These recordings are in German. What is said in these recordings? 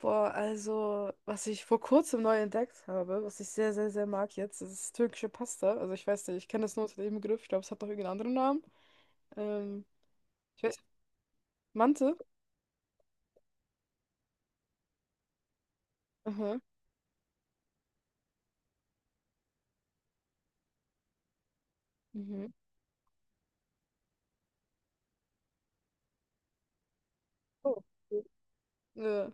Boah, also, was ich vor kurzem neu entdeckt habe, was ich sehr, sehr, sehr mag jetzt, das ist türkische Pasta. Also, ich weiß nicht, ich kenne das nur unter dem Begriff. Ich glaube, es hat noch irgendeinen anderen Namen. Ähm, Ich weiß, Mante? Aha. Mhm. Oh, okay. Ja,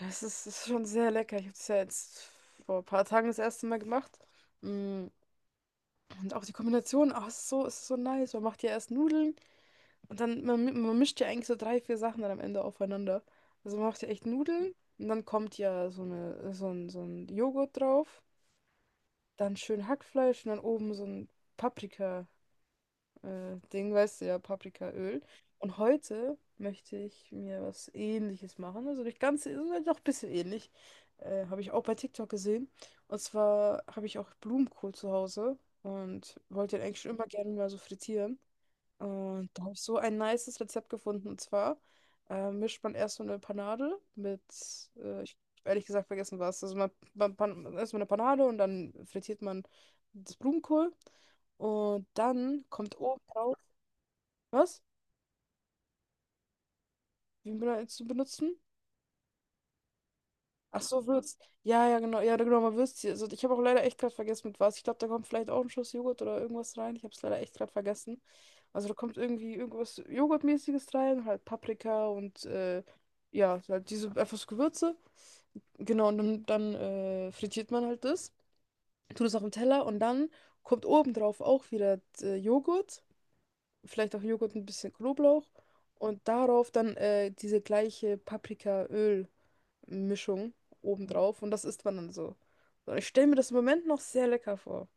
ja, es ist schon sehr lecker. Ich habe es ja jetzt vor ein paar Tagen das erste Mal gemacht. Mm. Und auch die Kombination, ach, es ist so nice. Man macht ja erst Nudeln, und dann man mischt ja eigentlich so drei, vier Sachen dann am Ende aufeinander. Also man macht ja echt Nudeln und dann kommt ja so eine, so ein Joghurt drauf, dann schön Hackfleisch und dann oben so ein Paprika-Ding, weißt du ja, Paprikaöl. Und heute möchte ich mir was Ähnliches machen, also nicht ganz, also doch ein bisschen ähnlich. Habe ich auch bei TikTok gesehen. Und zwar habe ich auch Blumenkohl zu Hause und wollte den eigentlich schon immer gerne mal so frittieren. Und da habe ich so ein nices Rezept gefunden. Und zwar mischt man erst so eine Panade mit, ich hab ehrlich gesagt vergessen was. Also man erst mal eine Panade und dann frittiert man das Blumenkohl. Und dann kommt oben drauf, was? Wie zu benutzen? Ach so, Würz. Ja, ja, genau. Ja, genau, mal Würzchen. Also, ich habe auch leider echt gerade vergessen, mit was. Ich glaube, da kommt vielleicht auch ein Schuss Joghurt oder irgendwas rein. Ich habe es leider echt gerade vergessen. Also, da kommt irgendwie irgendwas Joghurtmäßiges rein, halt Paprika und ja, halt diese einfach so Gewürze. Genau, und dann frittiert man halt das, tut es auf den Teller und dann kommt obendrauf auch wieder Joghurt, vielleicht auch Joghurt mit ein bisschen Knoblauch und darauf dann diese gleiche Paprikaöl. Mischung obendrauf, und das isst man dann so. Und ich stelle mir das im Moment noch sehr lecker vor.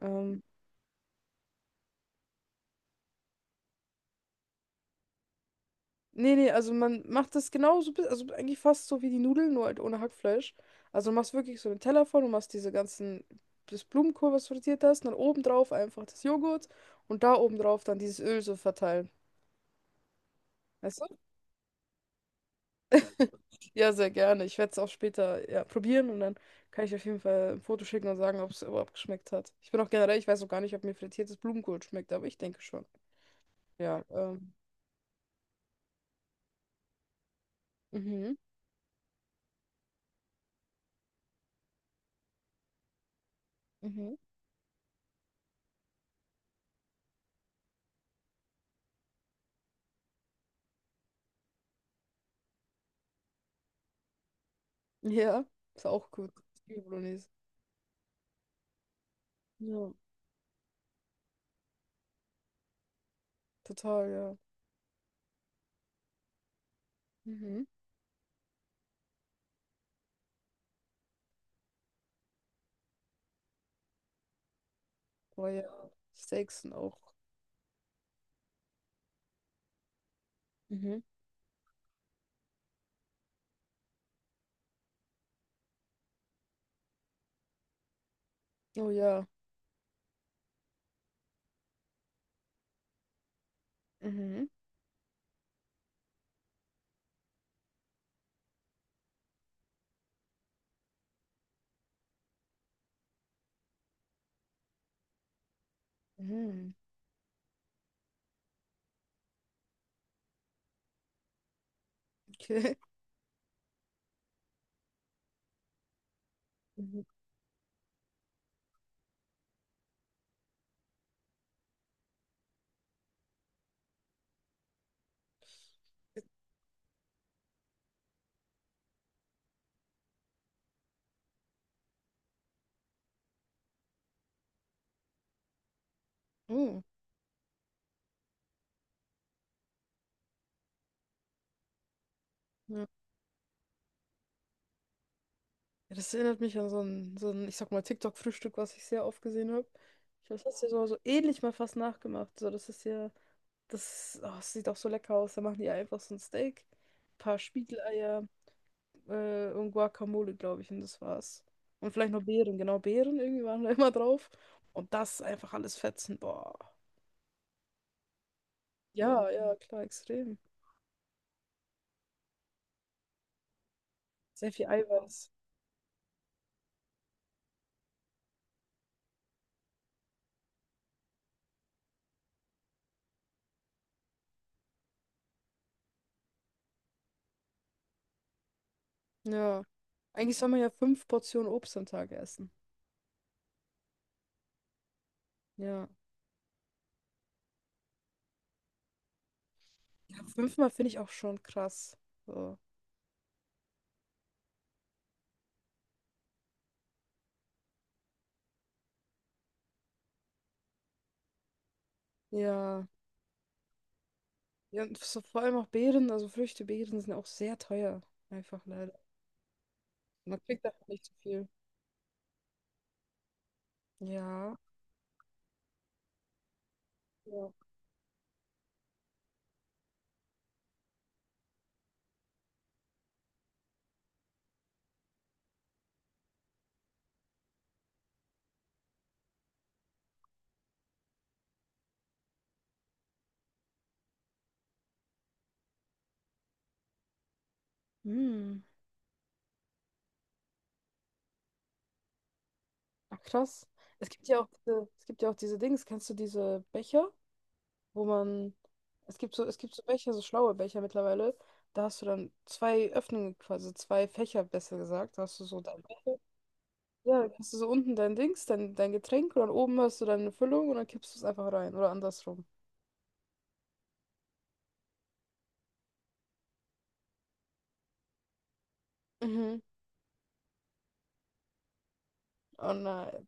Ähm, Nee, nee, also man macht das genauso, also eigentlich fast so wie die Nudeln, nur halt ohne Hackfleisch. Also du machst wirklich so einen Teller voll, du machst diese ganzen, das Blumenkohl, was du frittiert hast, und dann obendrauf einfach das Joghurt und da obendrauf dann dieses Öl so verteilen. Weißt du? Ja, sehr gerne. Ich werde es auch später ja probieren, und dann kann ich auf jeden Fall ein Foto schicken und sagen, ob es überhaupt geschmeckt hat. Ich bin auch generell, ich weiß auch gar nicht, ob mir frittiertes Blumenkohl schmeckt, aber ich denke schon. Ja. Mhm. Mhm. Ja, ist auch gut. Zwiebelbolognese. Ja. Total, ja. Mhm. Aber ja, Steaks sind auch. Mhm. Oh ja. Mhm. Mhm. Okay. Mhm. Oh. Ja. Ja, das erinnert mich an so ein, ich sag mal, TikTok-Frühstück, was ich sehr oft gesehen habe. Ich glaube, das hast du ja so ähnlich mal fast nachgemacht. So, das ist ja, das, oh, das sieht auch so lecker aus. Da machen die einfach so ein Steak, ein paar Spiegeleier, und Guacamole, glaube ich, und das war's. Und vielleicht noch Beeren, genau, Beeren irgendwie waren da immer drauf. Und das einfach alles fetzen, boah. Ja, ja, klar, extrem. Sehr viel Eiweiß. Ja. Eigentlich soll man ja fünf Portionen Obst am Tag essen. Ja. Ja, fünfmal finde ich auch schon krass. So. Ja. Ja, und so vor allem auch Beeren, also Früchte, Beeren sind auch sehr teuer. Einfach leider. Man kriegt davon nicht so viel. Ja. Ja. Hm. Ach, krass. Es gibt ja auch diese, es gibt ja auch diese Dings, kennst du diese Becher, wo man, es gibt so Becher, so schlaue Becher mittlerweile. Da hast du dann zwei Öffnungen, quasi zwei Fächer, besser gesagt. Da hast du so dein Becher. Ja, dann hast du so unten dein Dings, dein Getränk und dann oben hast du deine Füllung, und dann kippst du es einfach rein oder andersrum. Mhm. Oh nein.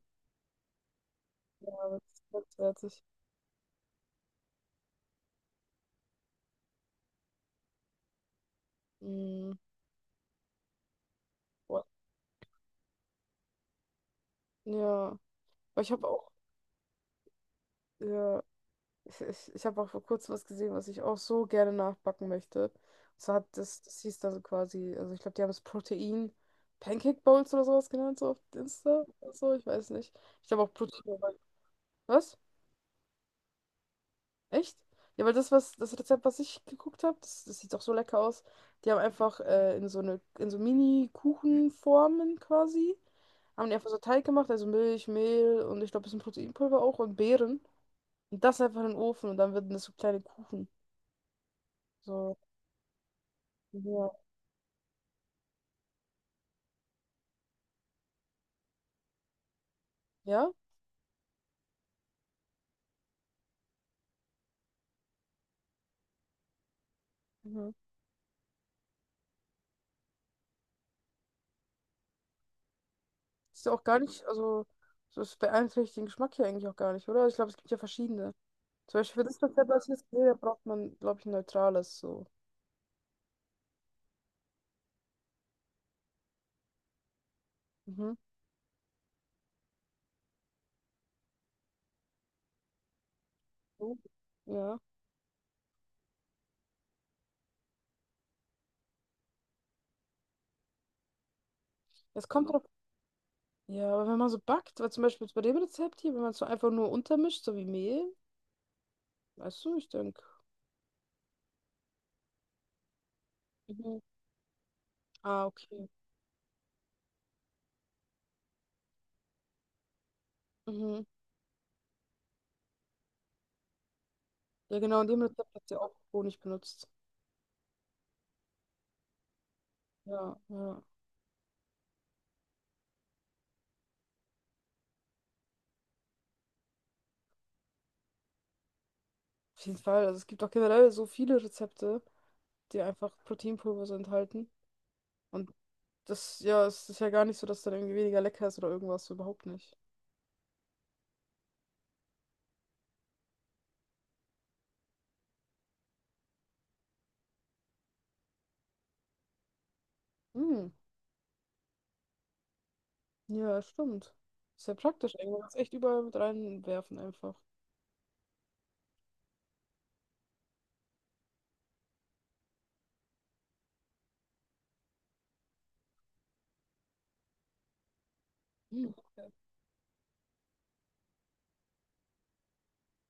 Ja, das ist ganz fertig. Mhm. Boah. Ja. Aber ich habe auch, ja. Ich habe auch vor kurzem was gesehen, was ich auch so gerne nachbacken möchte. Und zwar hat das, das hieß da so quasi, also ich glaube, die haben es Protein Pancake Bowls oder sowas genannt, so auf Insta oder so, ich weiß nicht. Ich glaube auch Protein. Was? Echt? Ja, weil das, was, das Rezept, was ich geguckt habe, das sieht doch so lecker aus. Die haben einfach in so eine, in so Mini-Kuchenformen quasi, haben die einfach so Teig gemacht, also Milch, Mehl und ich glaube, ein bisschen Proteinpulver auch und Beeren. Und das einfach in den Ofen, und dann werden das so kleine Kuchen. So. Ja. Ja? Mhm. Ist ja auch gar nicht, also, so es beeinträchtigt den Geschmack ja eigentlich auch gar nicht, oder? Ich glaube, es gibt ja verschiedene. Zum Beispiel für das Rezept, was ich jetzt gesehen habe, braucht man, glaube ich, ein neutrales, so. Mhm. So. Ja. Es kommt drauf. Ja, aber wenn man so backt, weil zum Beispiel jetzt bei dem Rezept hier, wenn man es so einfach nur untermischt, so wie Mehl, weißt du, ich denke. Mhm. Ah, okay. Mhm. Ja, genau, in dem Rezept hat sie auch Honig benutzt. Ja, ja. Auf jeden Fall. Also es gibt auch generell so viele Rezepte, die einfach Proteinpulver so enthalten. Und das, ja, es ist ja gar nicht so, dass dann irgendwie weniger lecker ist oder irgendwas, überhaupt nicht. Hm, ja, stimmt. Ist ja praktisch, ey. Man kann es echt überall mit reinwerfen einfach. Hm.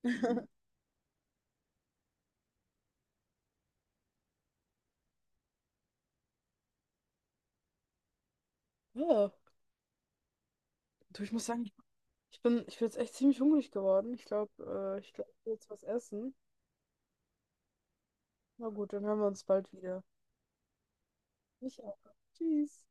Ja, du, ich muss sagen, ich bin jetzt echt ziemlich hungrig geworden. Ich glaube, ich will jetzt was essen. Na gut, dann hören wir uns bald wieder. Ich auch. Tschüss.